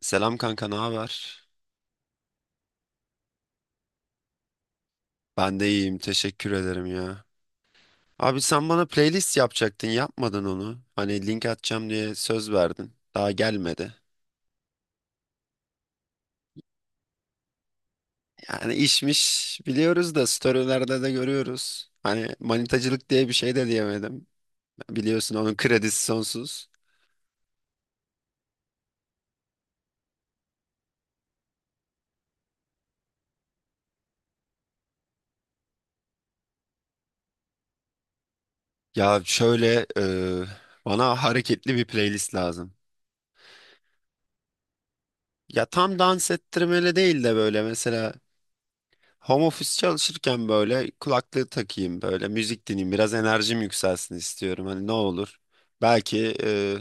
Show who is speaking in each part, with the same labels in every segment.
Speaker 1: Selam kanka, ne haber? Ben de iyiyim, teşekkür ederim ya. Abi sen bana playlist yapacaktın, yapmadın onu. Hani link atacağım diye söz verdin. Daha gelmedi. Yani işmiş biliyoruz da storylerde de görüyoruz. Hani manitacılık diye bir şey de diyemedim. Biliyorsun onun kredisi sonsuz. Ya şöyle bana hareketli bir playlist lazım. Ya tam dans ettirmeli değil de böyle mesela home office çalışırken böyle kulaklığı takayım böyle müzik dinleyeyim biraz enerjim yükselsin istiyorum hani ne olur. Belki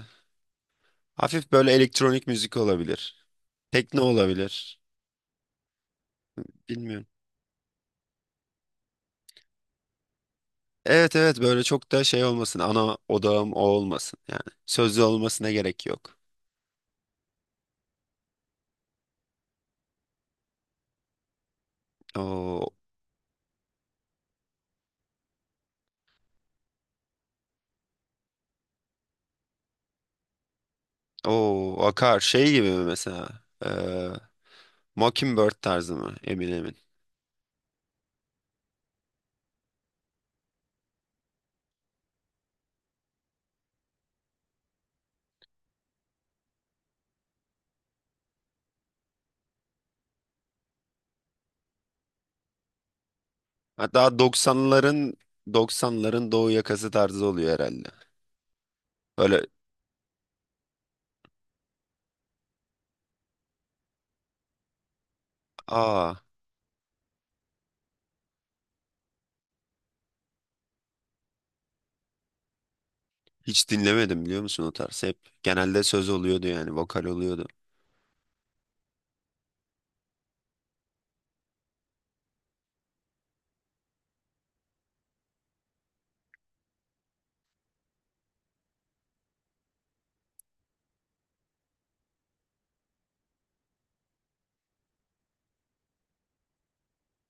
Speaker 1: hafif böyle elektronik müzik olabilir. Tekno olabilir. Bilmiyorum. Evet evet, böyle çok da şey olmasın, ana odağım o olmasın yani. Sözlü olmasına gerek yok. O o akar şey gibi mi mesela, e, Mockingbird tarzı mı, emin emin. Hatta doksanların doğu yakası tarzı oluyor herhalde. Böyle. Aa. Hiç dinlemedim biliyor musun o tarz? Hep genelde söz oluyordu yani vokal oluyordu.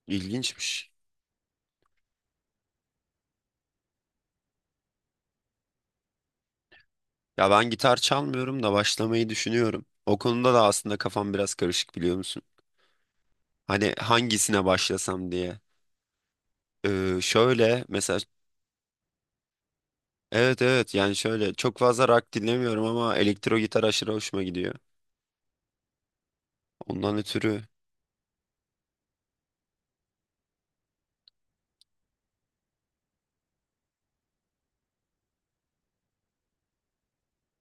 Speaker 1: İlginçmiş. Ya ben gitar çalmıyorum da başlamayı düşünüyorum. O konuda da aslında kafam biraz karışık biliyor musun? Hani hangisine başlasam diye. Şöyle mesela, evet evet, yani şöyle çok fazla rock dinlemiyorum ama elektro gitar aşırı hoşuma gidiyor. Ondan ötürü.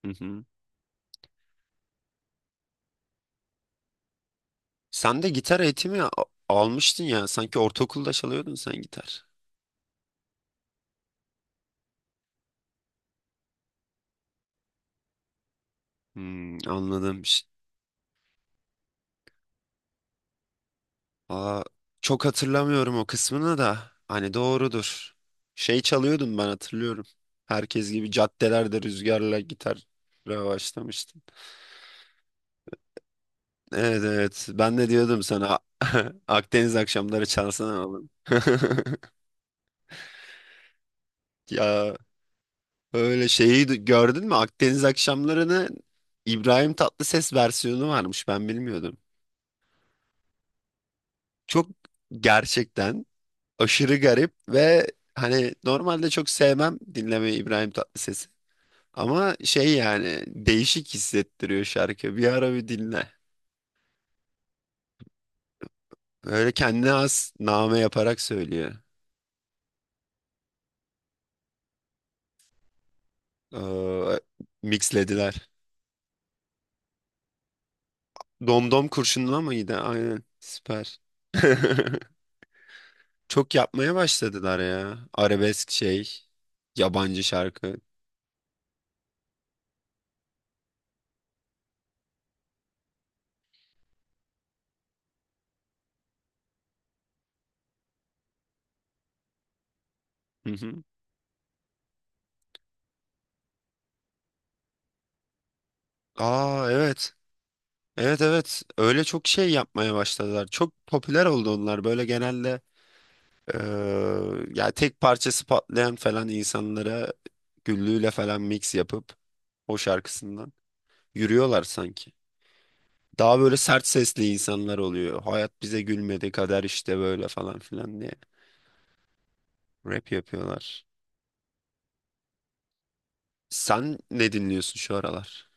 Speaker 1: Hı hı. Sen de gitar eğitimi almıştın ya, sanki ortaokulda çalıyordun sen gitar. Hmm, anladım. Aa, çok hatırlamıyorum o kısmını da. Hani doğrudur. Şey çalıyordum ben, hatırlıyorum. Herkes gibi caddelerde rüzgarla gitar başlamıştım. Evet evet. Ben de diyordum sana. Akdeniz akşamları çalsana oğlum. Ya öyle şeyi gördün mü? Akdeniz akşamlarını İbrahim Tatlıses versiyonu varmış. Ben bilmiyordum. Çok, gerçekten, aşırı garip ve hani normalde çok sevmem dinlemeyi İbrahim Tatlıses'i. Ama şey yani değişik hissettiriyor şarkı. Bir ara bir dinle. Böyle kendine has name yaparak söylüyor. Ee, Mixlediler. Domdom kurşunla mıydı? Aynen. Süper. Çok yapmaya başladılar ya. Arabesk şey. Yabancı şarkı. Hı hı. Aa evet. Evet evet. Öyle çok şey yapmaya başladılar. Çok popüler oldu onlar. Böyle genelde, Ee, yani tek parçası patlayan falan insanlara güllüğüyle falan mix yapıp o şarkısından yürüyorlar sanki. Daha böyle sert sesli insanlar oluyor. Hayat bize gülmedi, kader işte böyle falan filan diye rap yapıyorlar. Sen ne dinliyorsun şu aralar?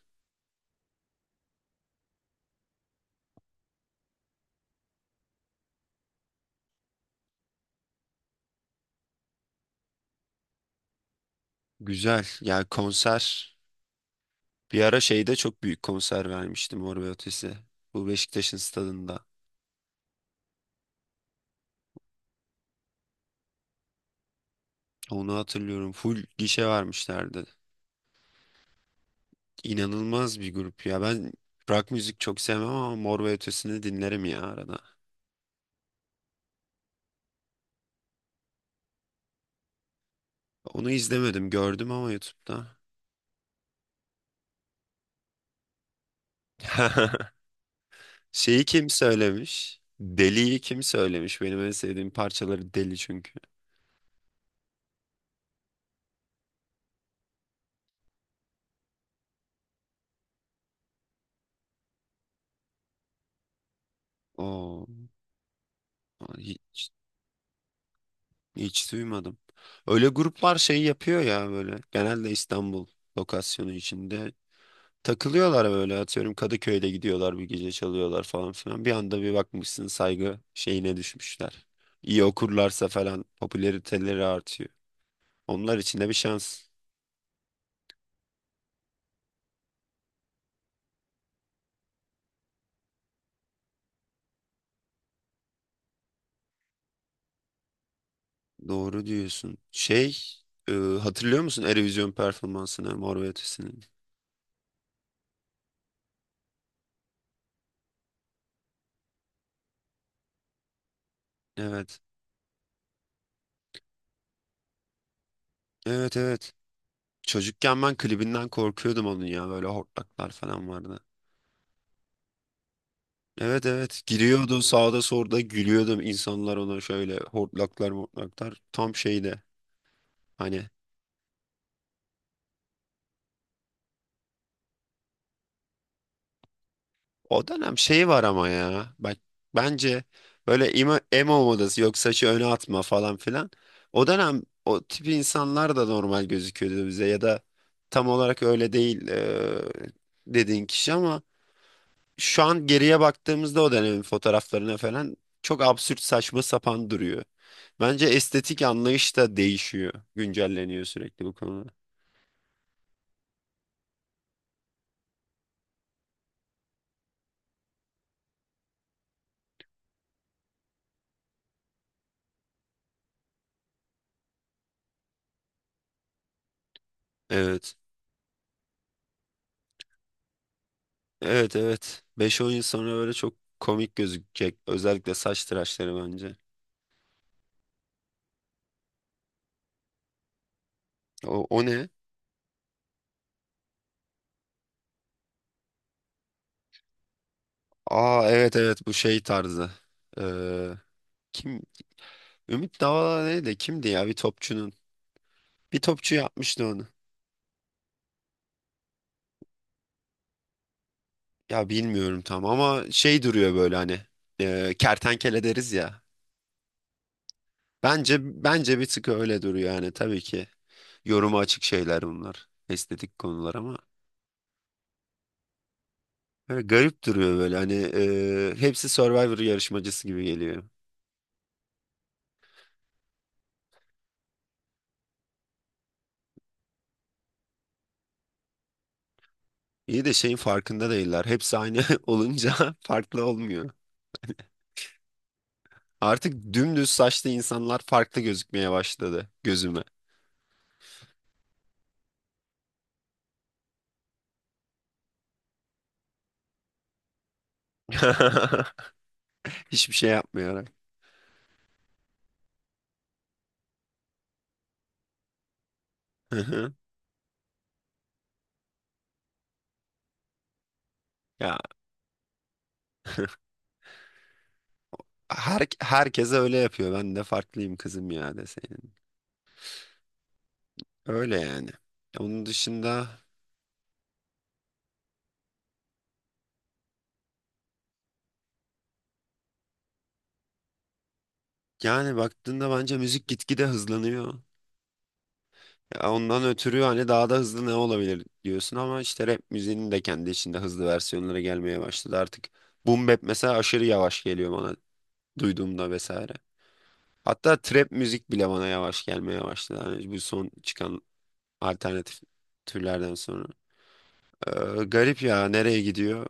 Speaker 1: Güzel. Yani konser. Bir ara şeyde çok büyük konser vermiştim, Mor ve Ötesi. Bu Beşiktaş'ın stadında. Onu hatırlıyorum. Full gişe vermişlerdi. İnanılmaz bir grup ya. Ben rock müzik çok sevmem ama Mor ve Ötesi'ni dinlerim ya arada. Onu izlemedim, gördüm ama YouTube'da. Şeyi kim söylemiş? Deli'yi kim söylemiş? Benim en sevdiğim parçaları Deli çünkü. Oo, hiç, hiç duymadım. Öyle gruplar şey yapıyor ya böyle. Genelde İstanbul lokasyonu içinde takılıyorlar, böyle atıyorum Kadıköy'de gidiyorlar bir gece çalıyorlar falan filan. Bir anda bir bakmışsın saygı şeyine düşmüşler. İyi okurlarsa falan popülariteleri artıyor. Onlar için de bir şans. Doğru diyorsun. Şey, hatırlıyor musun Eurovision performansını Mor ve Ötesi'nin? Evet. Evet evet. Çocukken ben klibinden korkuyordum onun ya, böyle hortlaklar falan vardı. Evet evet, giriyordu sağda solda, gülüyordum insanlar ona, şöyle hortlaklar mortlaklar tam şeyde. Hani o dönem şeyi var ama ya. Bak, bence böyle emo modası, yok saçı öne atma falan filan. O dönem o tip insanlar da normal gözüküyordu bize ya da tam olarak öyle değil dediğin kişi ama şu an geriye baktığımızda o dönemin fotoğraflarına falan çok absürt, saçma sapan duruyor. Bence estetik anlayış da değişiyor. Güncelleniyor sürekli bu konuda. Evet. Evet evet. Beş on yıl sonra böyle çok komik gözükecek. Özellikle saç tıraşları bence. O ne? Aa evet evet, bu şey tarzı. Ee, Kim? Ümit Davala neydi? Kimdi ya bir topçunun? Bir topçu yapmıştı onu. Ya bilmiyorum tam ama şey duruyor böyle hani, kertenkele deriz ya. Bence bence bir tık öyle duruyor yani, tabii ki. Yoruma açık şeyler bunlar. Estetik konular ama. Böyle garip duruyor, böyle hani, hepsi Survivor yarışmacısı gibi geliyor. İyi de şeyin farkında değiller. Hepsi aynı olunca farklı olmuyor. Artık dümdüz saçlı insanlar farklı gözükmeye başladı gözüme. Hiçbir şey yapmıyor. Hı hı. Ya herkes öyle yapıyor. Ben de farklıyım kızım ya, deseydin. Öyle yani. Onun dışında, yani baktığında bence müzik gitgide hızlanıyor. Ya ondan ötürü hani daha da hızlı ne olabilir diyorsun ama işte rap müziğinin de kendi içinde hızlı versiyonlara gelmeye başladı artık. Boom bap mesela aşırı yavaş geliyor bana duyduğumda vesaire. Hatta trap müzik bile bana yavaş gelmeye başladı, hani bu son çıkan alternatif türlerden sonra. Ee, Garip ya, nereye gidiyor?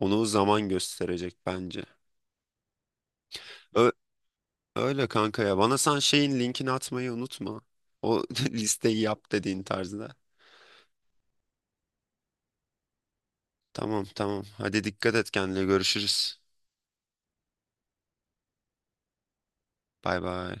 Speaker 1: Onu zaman gösterecek bence. Ö- Öyle kanka ya. Bana sen şeyin linkini atmayı unutma. O listeyi yap dediğin tarzda. Tamam tamam. Hadi dikkat et kendine. Görüşürüz. Bay bay.